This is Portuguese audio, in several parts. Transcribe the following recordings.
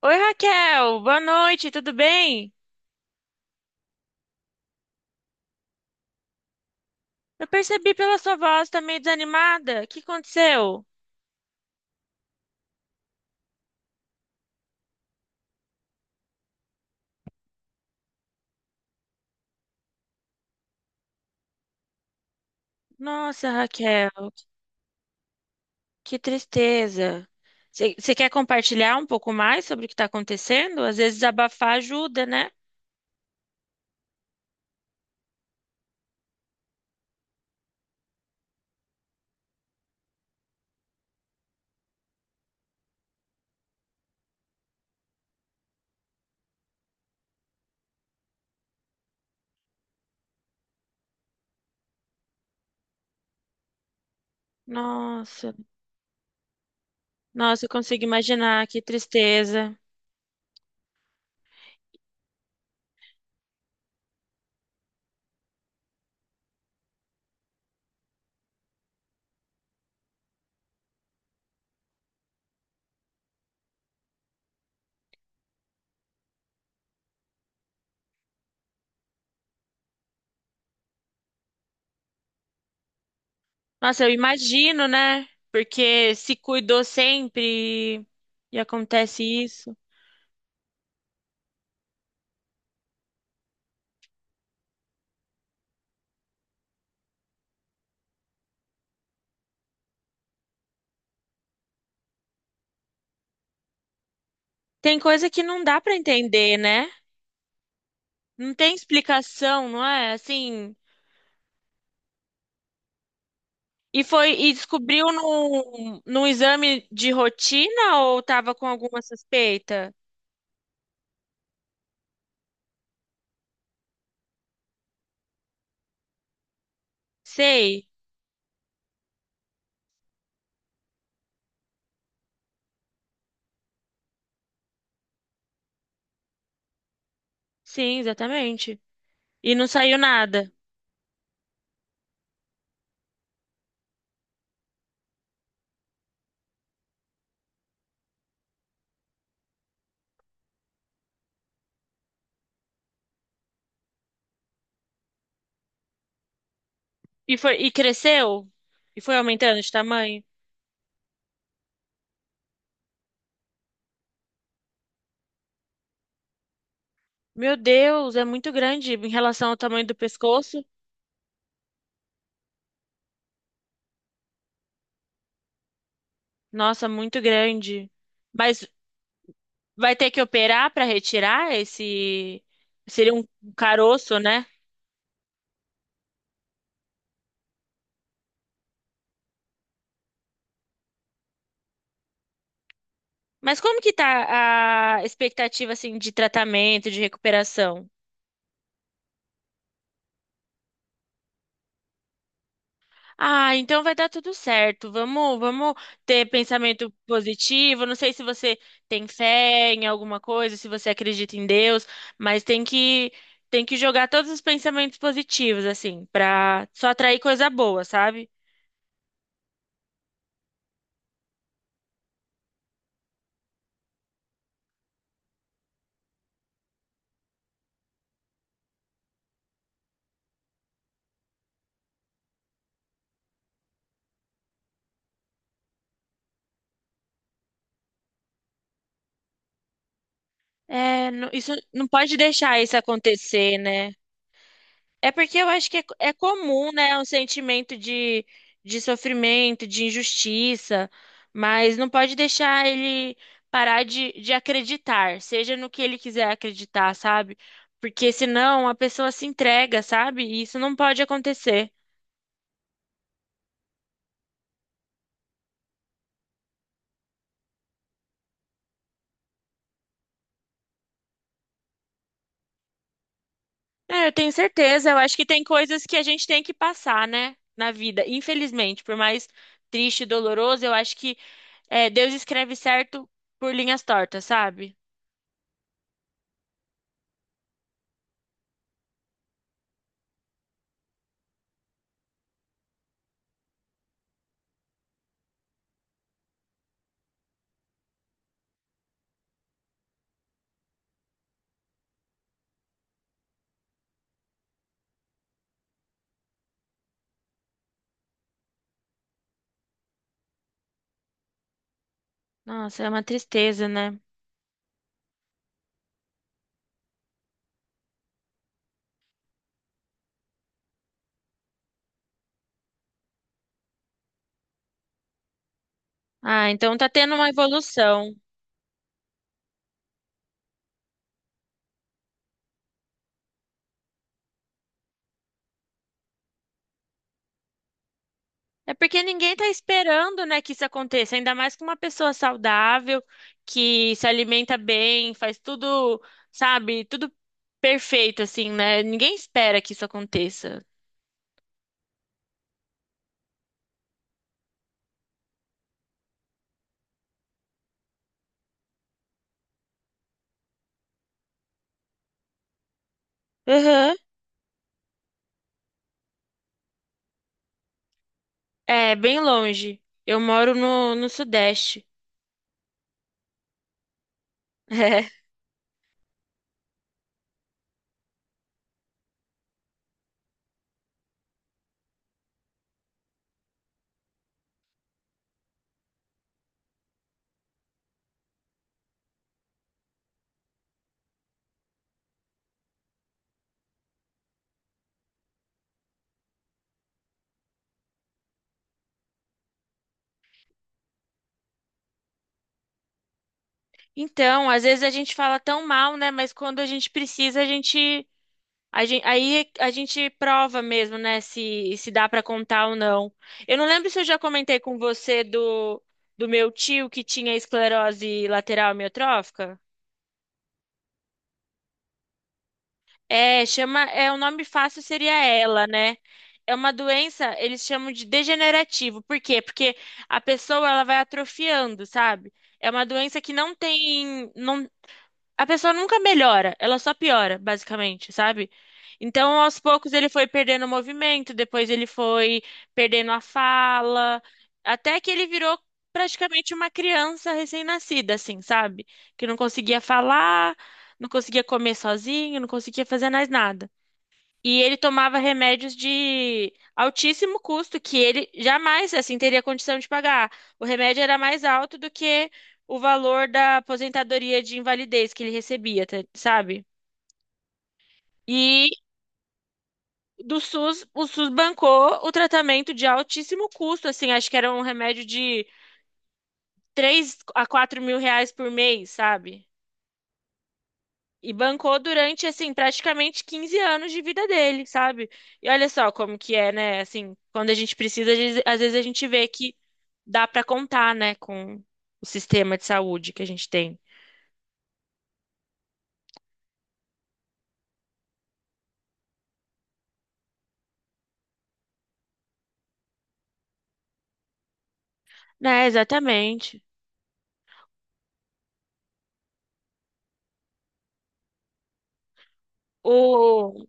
Oi, Raquel, boa noite, tudo bem? Eu percebi pela sua voz, tá meio desanimada. O que aconteceu? Nossa, Raquel, que tristeza. Você quer compartilhar um pouco mais sobre o que está acontecendo? Às vezes abafar ajuda, né? Nossa, nossa, eu consigo imaginar, que tristeza. Nossa, eu imagino, né? Porque se cuidou sempre e acontece isso. Tem coisa que não dá para entender, né? Não tem explicação, não é? Assim. E foi e descobriu num exame de rotina ou tava com alguma suspeita? Sei. Sim, exatamente. E não saiu nada. E foi e cresceu? E foi aumentando de tamanho? Meu Deus, é muito grande em relação ao tamanho do pescoço. Nossa, muito grande. Mas vai ter que operar para retirar esse seria um caroço, né? Mas como que tá a expectativa assim de tratamento, de recuperação? Ah, então vai dar tudo certo. Vamos, ter pensamento positivo. Não sei se você tem fé em alguma coisa, se você acredita em Deus, mas tem que jogar todos os pensamentos positivos assim, pra só atrair coisa boa, sabe? Isso não pode deixar isso acontecer, né? É porque eu acho que é comum, né, um sentimento de sofrimento, de injustiça, mas não pode deixar ele parar de acreditar, seja no que ele quiser acreditar, sabe? Porque senão a pessoa se entrega, sabe? E isso não pode acontecer. É, eu tenho certeza, eu acho que tem coisas que a gente tem que passar, né, na vida, infelizmente, por mais triste e doloroso, eu acho que Deus escreve certo por linhas tortas, sabe? Nossa, é uma tristeza, né? Ah, então tá tendo uma evolução. É porque ninguém tá esperando, né, que isso aconteça, ainda mais com uma pessoa saudável, que se alimenta bem, faz tudo, sabe, tudo perfeito, assim, né? Ninguém espera que isso aconteça. Aham. É, bem longe. Eu moro no Sudeste. É. Então, às vezes a gente fala tão mal, né? Mas quando a gente precisa, a gente A gen- aí a gente prova mesmo, né, se dá para contar ou não. Eu não lembro se eu já comentei com você do meu tio que tinha esclerose lateral amiotrófica. É, chama, é, o nome fácil seria ELA, né? É uma doença, eles chamam de degenerativo. Por quê? Porque a pessoa ela vai atrofiando, sabe? É uma doença que não tem, a pessoa nunca melhora, ela só piora, basicamente, sabe? Então, aos poucos, ele foi perdendo o movimento, depois ele foi perdendo a fala, até que ele virou praticamente uma criança recém-nascida, assim, sabe? Que não conseguia falar, não conseguia comer sozinho, não conseguia fazer mais nada. E ele tomava remédios de altíssimo custo, que ele jamais, assim, teria condição de pagar. O remédio era mais alto do que o valor da aposentadoria de invalidez que ele recebia, tá- sabe? E do SUS, o SUS bancou o tratamento de altíssimo custo, assim, acho que era um remédio de R$ 3 a 4 mil por mês, sabe? E bancou durante, assim, praticamente 15 anos de vida dele, sabe? E olha só como que é, né? Assim, quando a gente precisa, às vezes a gente vê que dá pra contar, né, com o sistema de saúde que a gente tem. Né, exatamente. O...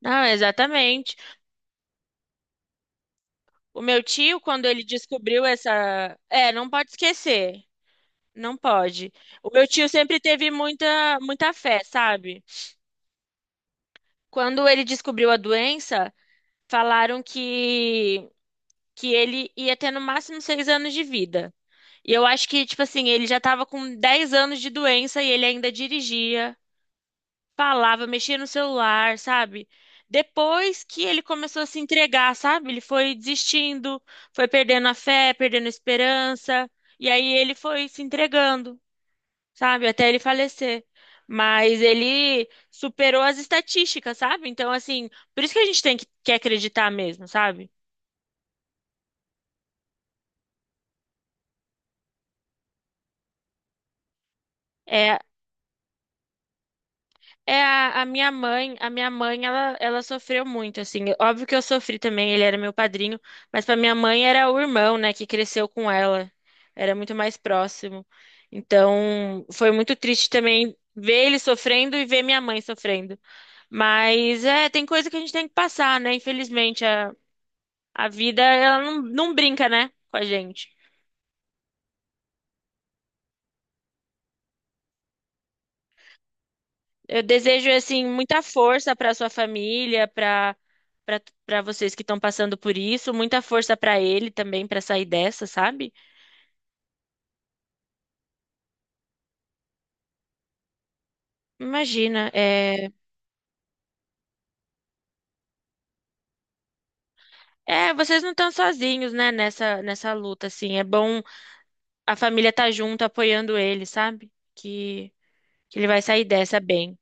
Não, exatamente. O meu tio, quando ele descobriu essa... É, não pode esquecer. Não pode. O meu tio sempre teve muita fé, sabe? Quando ele descobriu a doença, falaram que ele ia ter no máximo 6 anos de vida. E eu acho que, tipo assim, ele já tava com 10 anos de doença e ele ainda dirigia, falava, mexia no celular, sabe? Depois que ele começou a se entregar, sabe? Ele foi desistindo, foi perdendo a fé, perdendo a esperança, e aí ele foi se entregando, sabe? Até ele falecer. Mas ele superou as estatísticas, sabe? Então, assim, por isso que a gente tem que acreditar mesmo, sabe? É, é, a minha mãe, ela sofreu muito, assim. Óbvio que eu sofri também, ele era meu padrinho, mas para minha mãe era o irmão, né, que cresceu com ela. Era muito mais próximo. Então, foi muito triste também ver ele sofrendo e ver minha mãe sofrendo. Mas é, tem coisa que a gente tem que passar, né? Infelizmente, a vida, ela não brinca, né, com a gente. Eu desejo assim muita força para sua família, para vocês que estão passando por isso, muita força para ele também para sair dessa, sabe? Imagina, é, é, vocês não estão sozinhos, né, nessa luta assim. É bom a família estar junto apoiando ele, sabe? Que ele vai sair dessa bem.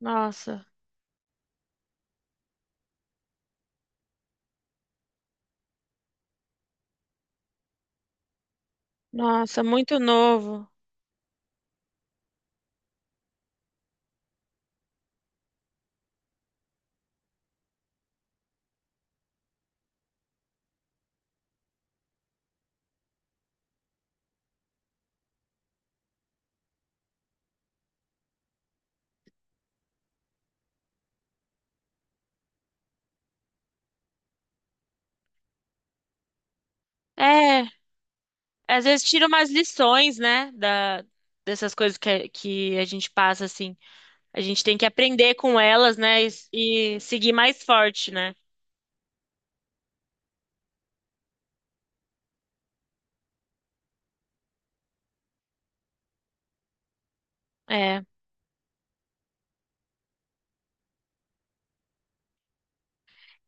Nossa, nossa, muito novo. É, às vezes tira umas lições, né, da dessas coisas que a gente passa assim. A gente tem que aprender com elas, né? E seguir mais forte, né? É.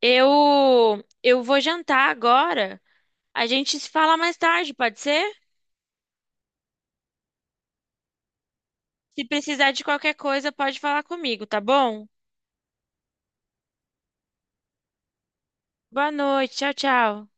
Eu vou jantar agora. A gente se fala mais tarde, pode ser? Se precisar de qualquer coisa, pode falar comigo, tá bom? Boa noite, tchau, tchau.